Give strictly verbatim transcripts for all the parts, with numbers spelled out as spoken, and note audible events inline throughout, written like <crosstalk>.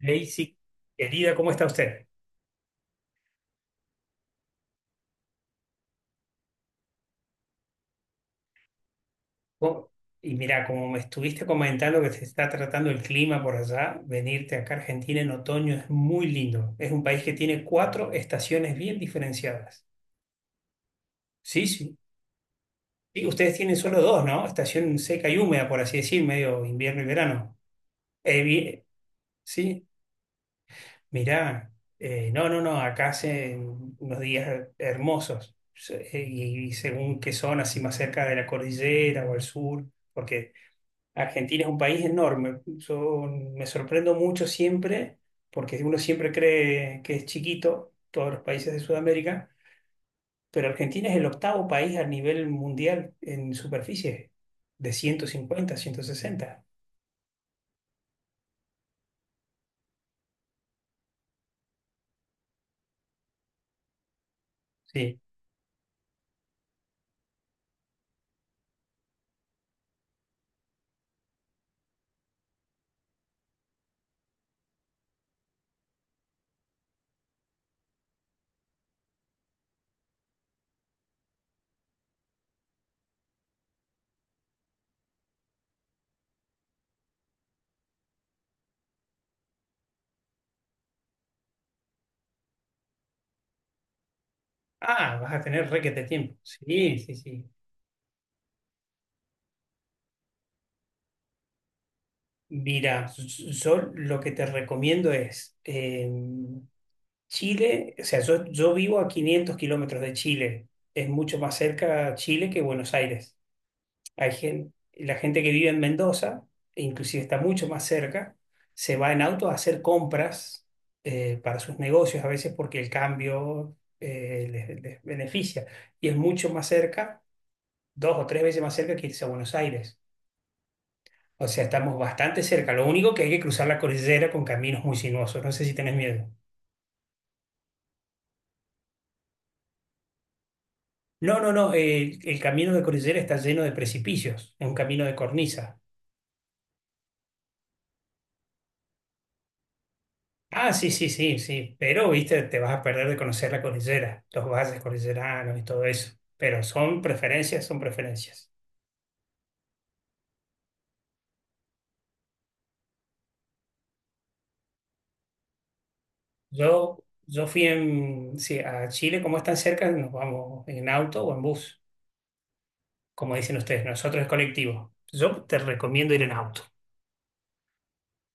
Daisy, querida, ¿cómo está usted? ¿Cómo- Y mira, como me estuviste comentando que se está tratando el clima por allá, venirte acá a Argentina en otoño es muy lindo. Es un país que tiene cuatro estaciones bien diferenciadas. Sí, sí. Y ustedes tienen solo dos, ¿no? Estación seca y húmeda, por así decir, medio invierno y verano. Eh, vi- sí, mira, no, no, no, acá hace unos días hermosos. Se- Y, y según qué zona, si más cerca de la cordillera o al sur, porque Argentina es un país enorme. Yo me sorprendo mucho siempre, porque uno siempre cree que es chiquito, todos los países de Sudamérica, pero Argentina es el octavo país a nivel mundial en superficie, de ciento cincuenta, ciento sesenta. Sí. Ah, vas a tener requete tiempo. Sí, sí, sí. Mira, yo lo que te recomiendo es eh, Chile, o sea, yo, yo vivo a quinientos kilómetros de Chile. Es mucho más cerca Chile que Buenos Aires. Hay gen- la gente que vive en Mendoza, e inclusive está mucho más cerca, se va en auto a hacer compras eh, para sus negocios, a veces porque el cambio eh, les, les beneficia. Y es mucho más cerca, dos o tres veces más cerca que irse a Buenos Aires. O sea, estamos bastante cerca. Lo único que hay que cruzar la cordillera con caminos muy sinuosos. No sé si tenés miedo. No, no, no. El, el camino de cordillera está lleno de precipicios. Es un camino de cornisa. Ah, sí, sí, sí, sí, pero viste, te vas a perder de conocer la cordillera, los valles cordilleranos y todo eso. Pero son preferencias, son preferencias. Yo, yo fui en, sí, a Chile, como es tan cerca, nos vamos en auto o en bus, como dicen ustedes, nosotros es colectivo. Yo te recomiendo ir en auto.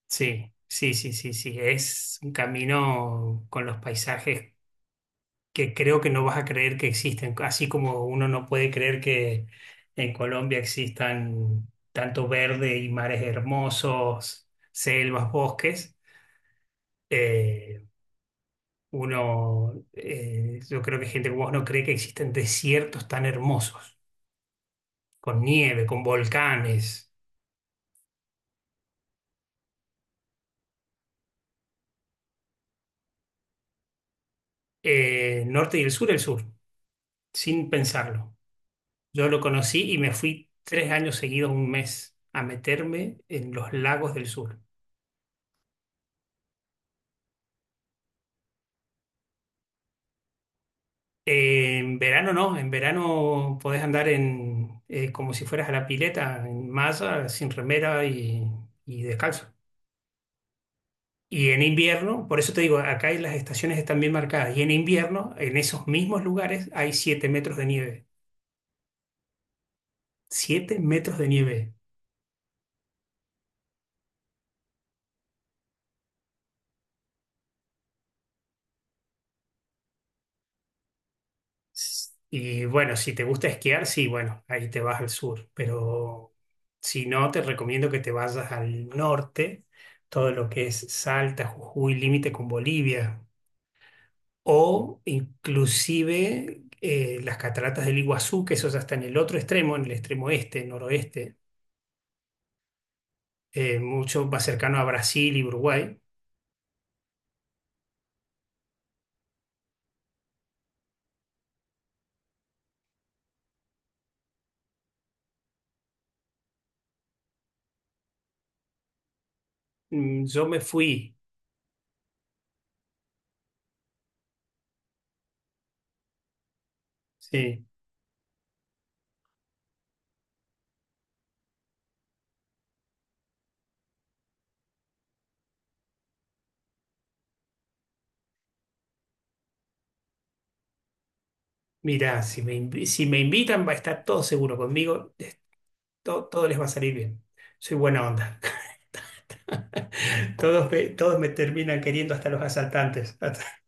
Sí, sí, sí, sí, sí, es un camino con los paisajes que creo que no vas a creer que existen, así como uno no puede creer que en Colombia existan tanto verde y mares hermosos, selvas, bosques. eh, Uno, eh, yo creo que gente como vos no cree que existen desiertos tan hermosos, con nieve, con volcanes, eh, norte y el sur, el sur, sin pensarlo. Yo lo conocí y me fui tres años seguidos, un mes, a meterme en los lagos del sur. En verano no, en verano podés andar en, eh, como si fueras a la pileta, en malla, sin remera y, y descalzo. Y en invierno, por eso te digo, acá hay- las estaciones están bien marcadas. Y en invierno, en esos mismos lugares, hay siete metros de nieve. Siete metros de nieve. Y bueno, si te gusta esquiar, sí, bueno, ahí te vas al sur. Pero si no, te recomiendo que te vayas al norte, todo lo que es Salta, Jujuy, límite con Bolivia. O inclusive eh, las cataratas del Iguazú, que eso ya está en el otro extremo, en el extremo este, noroeste, eh, mucho más cercano a Brasil y Uruguay. Mm, Yo me fui, sí. Mirá, si me, invi- si me invitan va a estar todo seguro conmigo, de- to- todo, les va a salir bien. Soy buena onda. <laughs> Todos me, todos me terminan queriendo hasta los asaltantes. <laughs>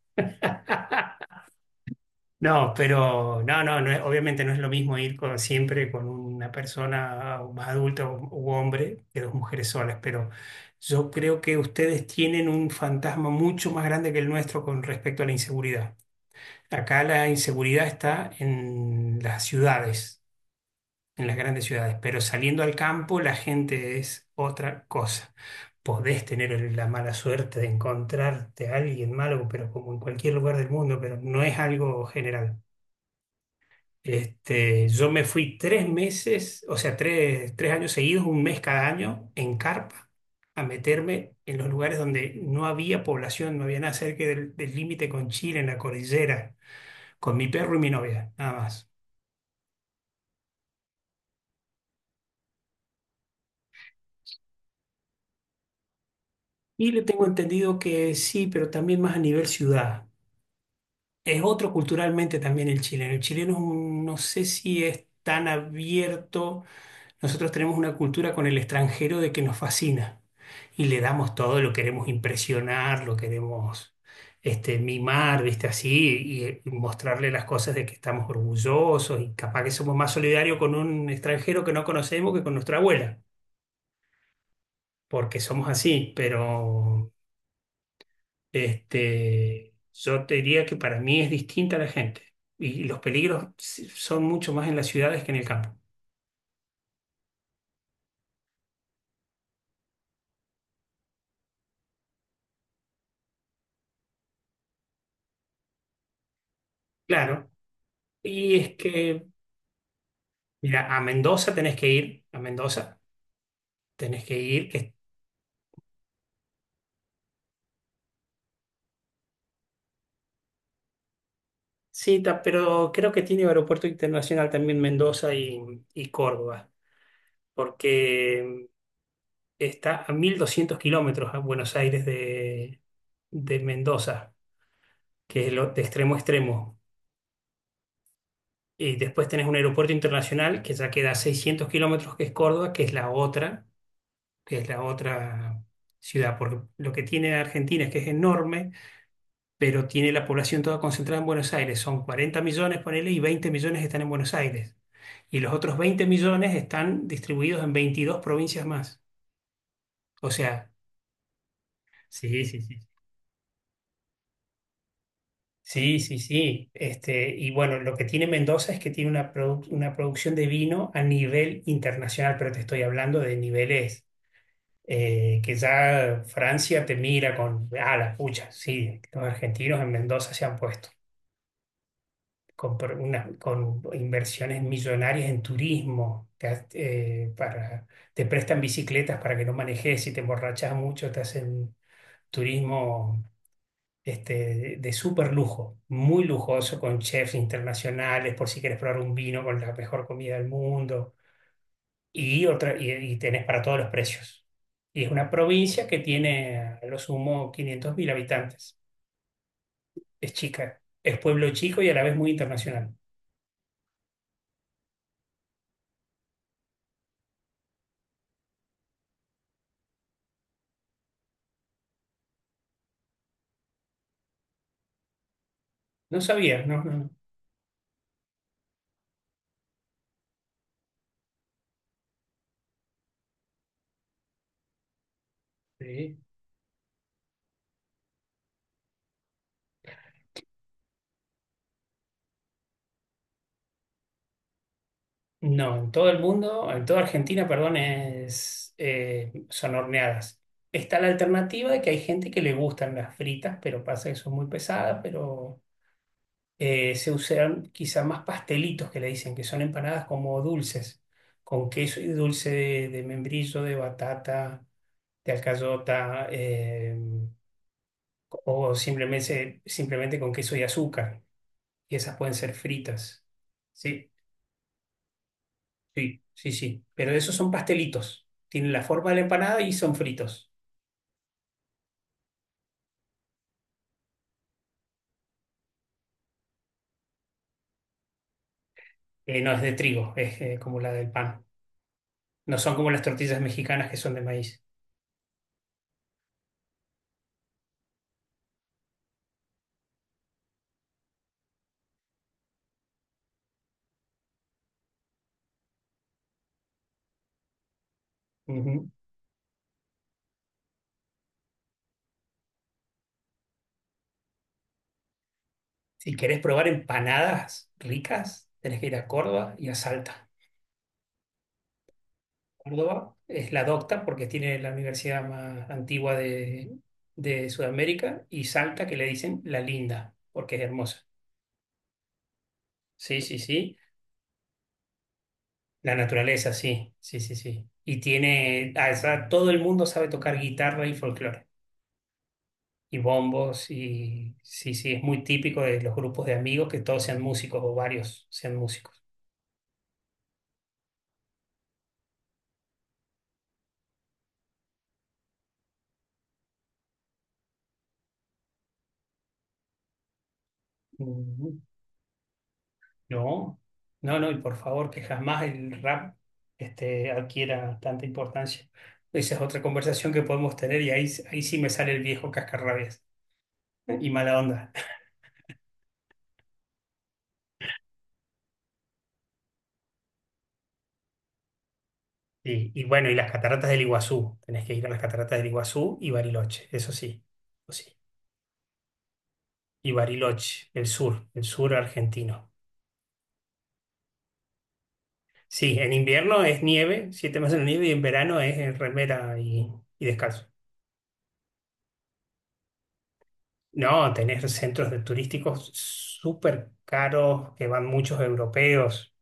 No, pero no, no, no es- obviamente no es lo mismo ir con, siempre con una persona o más adulta o- u hombre que dos mujeres solas, pero yo creo que ustedes tienen un fantasma mucho más grande que el nuestro con respecto a la inseguridad. Acá la inseguridad está en las ciudades, en las grandes ciudades, pero saliendo al campo la gente es otra cosa. Podés tener el- la mala suerte de encontrarte a alguien malo, pero como en cualquier lugar del mundo, pero no es algo general. Este, yo me fui tres meses, o sea, tres, tres años seguidos, un mes cada año, en carpa, a meterme en los lugares donde no había población, no había nada cerca del del límite con Chile, en la cordillera, con mi perro y mi novia, nada más. Y le tengo entendido que sí, pero también más a nivel ciudad. Es otro culturalmente también el chileno. El chileno es un- no sé si es tan abierto. Nosotros tenemos una cultura con el extranjero de que nos fascina y le damos todo, lo queremos impresionar, lo queremos este, mimar, ¿viste? Así, y, eh, mostrarle las cosas de que estamos orgullosos y capaz que somos más solidarios con un extranjero que no conocemos que con nuestra abuela, porque somos así, pero este, yo te diría que para mí es distinta la gente y los peligros s- son mucho más en las ciudades que en el campo. Claro, y es que mira, a Mendoza tenés que ir. A Mendoza tenés que ir, que sí, ta- pero creo que tiene aeropuerto internacional también Mendoza y, y Córdoba, porque está a mil doscientos kilómetros a Buenos Aires de, de, Mendoza, que es lo, de extremo a extremo. Y después tenés un aeropuerto internacional que ya queda a seiscientos kilómetros, que es Córdoba, que es la otra, que es la otra ciudad, porque lo que tiene Argentina es que es enorme pero tiene la población toda concentrada en Buenos Aires. Son cuarenta millones, ponele, y veinte millones están en Buenos Aires. Y los otros veinte millones están distribuidos en veintidós provincias más. O sea, sí, sí, sí. Sí, sí, sí. Este, y bueno, lo que tiene Mendoza es que tiene una, produ- una producción de vino a nivel internacional, pero te estoy hablando de niveles eh, que ya Francia te mira con, ah, la pucha, sí, los argentinos en Mendoza se han puesto. Con, pro- una- con inversiones millonarias en turismo, te, ha- eh, para, te prestan bicicletas para que no manejes, si te emborrachas mucho, te hacen turismo este, de súper lujo, muy lujoso, con chefs internacionales, por si quieres probar un vino con la mejor comida del mundo, y, otra, y, y tenés para todos los precios. Y es una provincia que tiene a lo sumo quinientos mil habitantes. Es chica, es pueblo chico y a la vez muy internacional. No sabía, no, no, no. Sí. No, en todo el mundo, en toda Argentina, perdón, es, eh, son horneadas. Está la alternativa de que hay gente que le gustan las fritas, pero pasa que son muy pesadas, pero eh, se usan quizá más pastelitos que le dicen, que son empanadas como dulces, con queso y dulce de, de, membrillo, de batata, de alcayota, eh, o simplemente, simplemente con queso y azúcar. Y esas pueden ser fritas. Sí. Sí, sí, sí. Pero esos son pastelitos. Tienen la forma de la empanada y son fritos. Eh, no es de trigo, es eh, como la del pan. No son como las tortillas mexicanas que son de maíz. Ujú. Si querés probar empanadas ricas, tenés que ir a Córdoba y a Salta. Córdoba es la docta porque tiene la universidad más antigua de, de Sudamérica y Salta que le dicen la linda porque es hermosa. Sí, sí, sí. La naturaleza, sí, sí, sí, sí. Y tiene, ah, esa- todo el mundo sabe tocar guitarra y folclore, y bombos, y sí, sí, es muy típico de los grupos de amigos que todos sean músicos o varios sean músicos. Mm, No, no, no, y por favor, que jamás el rap este, adquiera tanta importancia. Esa es otra conversación que podemos tener y ahí, ahí sí me sale el viejo cascarrabias <laughs> y mala onda. Y, y bueno, y las cataratas del Iguazú, tenés que ir a las cataratas del Iguazú y Bariloche, eso sí, eso sí. Y Bariloche, el sur, el sur argentino. Sí, en invierno es nieve, siete meses de nieve, y en verano es en remera y, y descalzo. No, tenés centros de turísticos súper caros que van muchos europeos,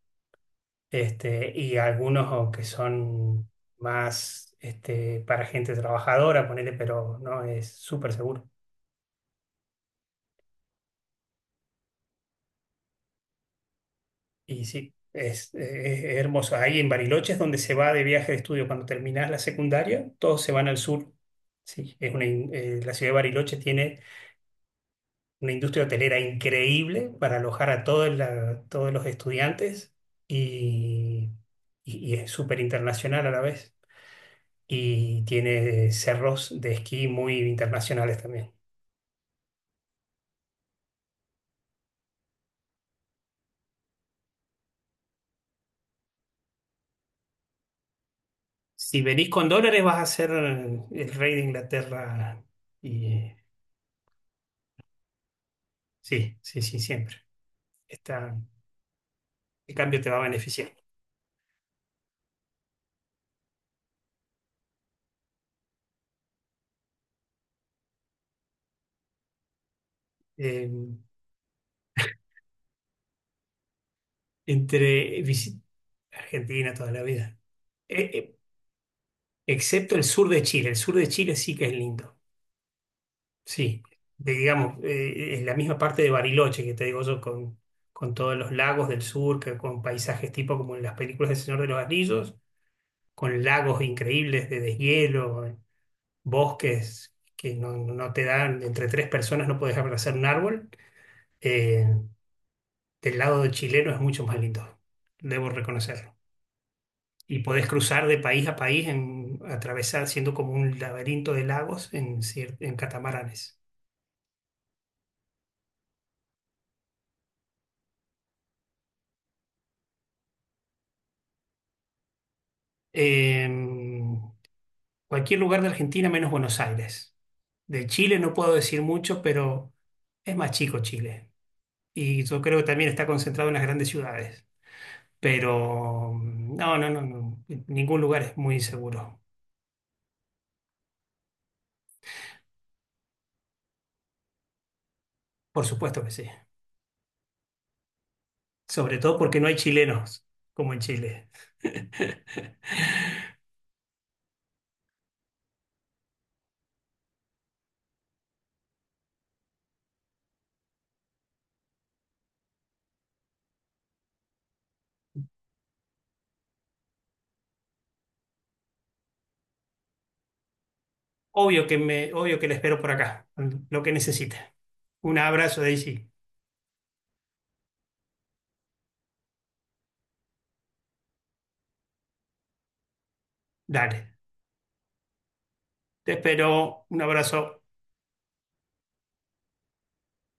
este, y algunos que son más este, para gente trabajadora, ponele, pero no es súper seguro. Y sí, es, eh, es hermoso. Ahí en Bariloche es donde se va de viaje de estudio. Cuando terminás la secundaria, todos se van al sur. Sí, es una in- eh, la ciudad de Bariloche tiene una industria hotelera increíble para alojar a todo la- todos los estudiantes y, y- y es súper internacional a la vez. Y tiene cerros de esquí muy internacionales también. Si venís con dólares, vas a ser el rey de Inglaterra. Y, sí, sí, sí, siempre. Está. ¿Qué cambio te va a beneficiar? Eh, entre visi- Argentina toda la vida. Eh, eh, excepto el sur de Chile. El sur de Chile sí que es lindo. Sí. De- digamos, eh, es la misma parte de Bariloche que te digo yo, con, con, todos los lagos del sur, que, con paisajes tipo como en las películas del Señor de los Anillos, con lagos increíbles de deshielo, eh, bosques que no, no te dan, entre tres personas no puedes abrazar un árbol. Eh, del lado chileno es mucho más lindo, debo reconocer. Y podés cruzar de país a país, en, atravesar, haciendo como un laberinto de lagos en, cier- en catamaranes. En cualquier lugar de Argentina menos Buenos Aires. De Chile no puedo decir mucho, pero es más chico Chile. Y yo creo que también está concentrado en las grandes ciudades. Pero mm, no, no, no, no. Ningún lugar es muy inseguro. Por supuesto que sí. Sobre todo porque no hay chilenos como en Chile. <laughs> Obvio que me, obvio que la espero por acá, lo que necesite. Un abrazo, Daisy. Dale. Te espero. Un abrazo.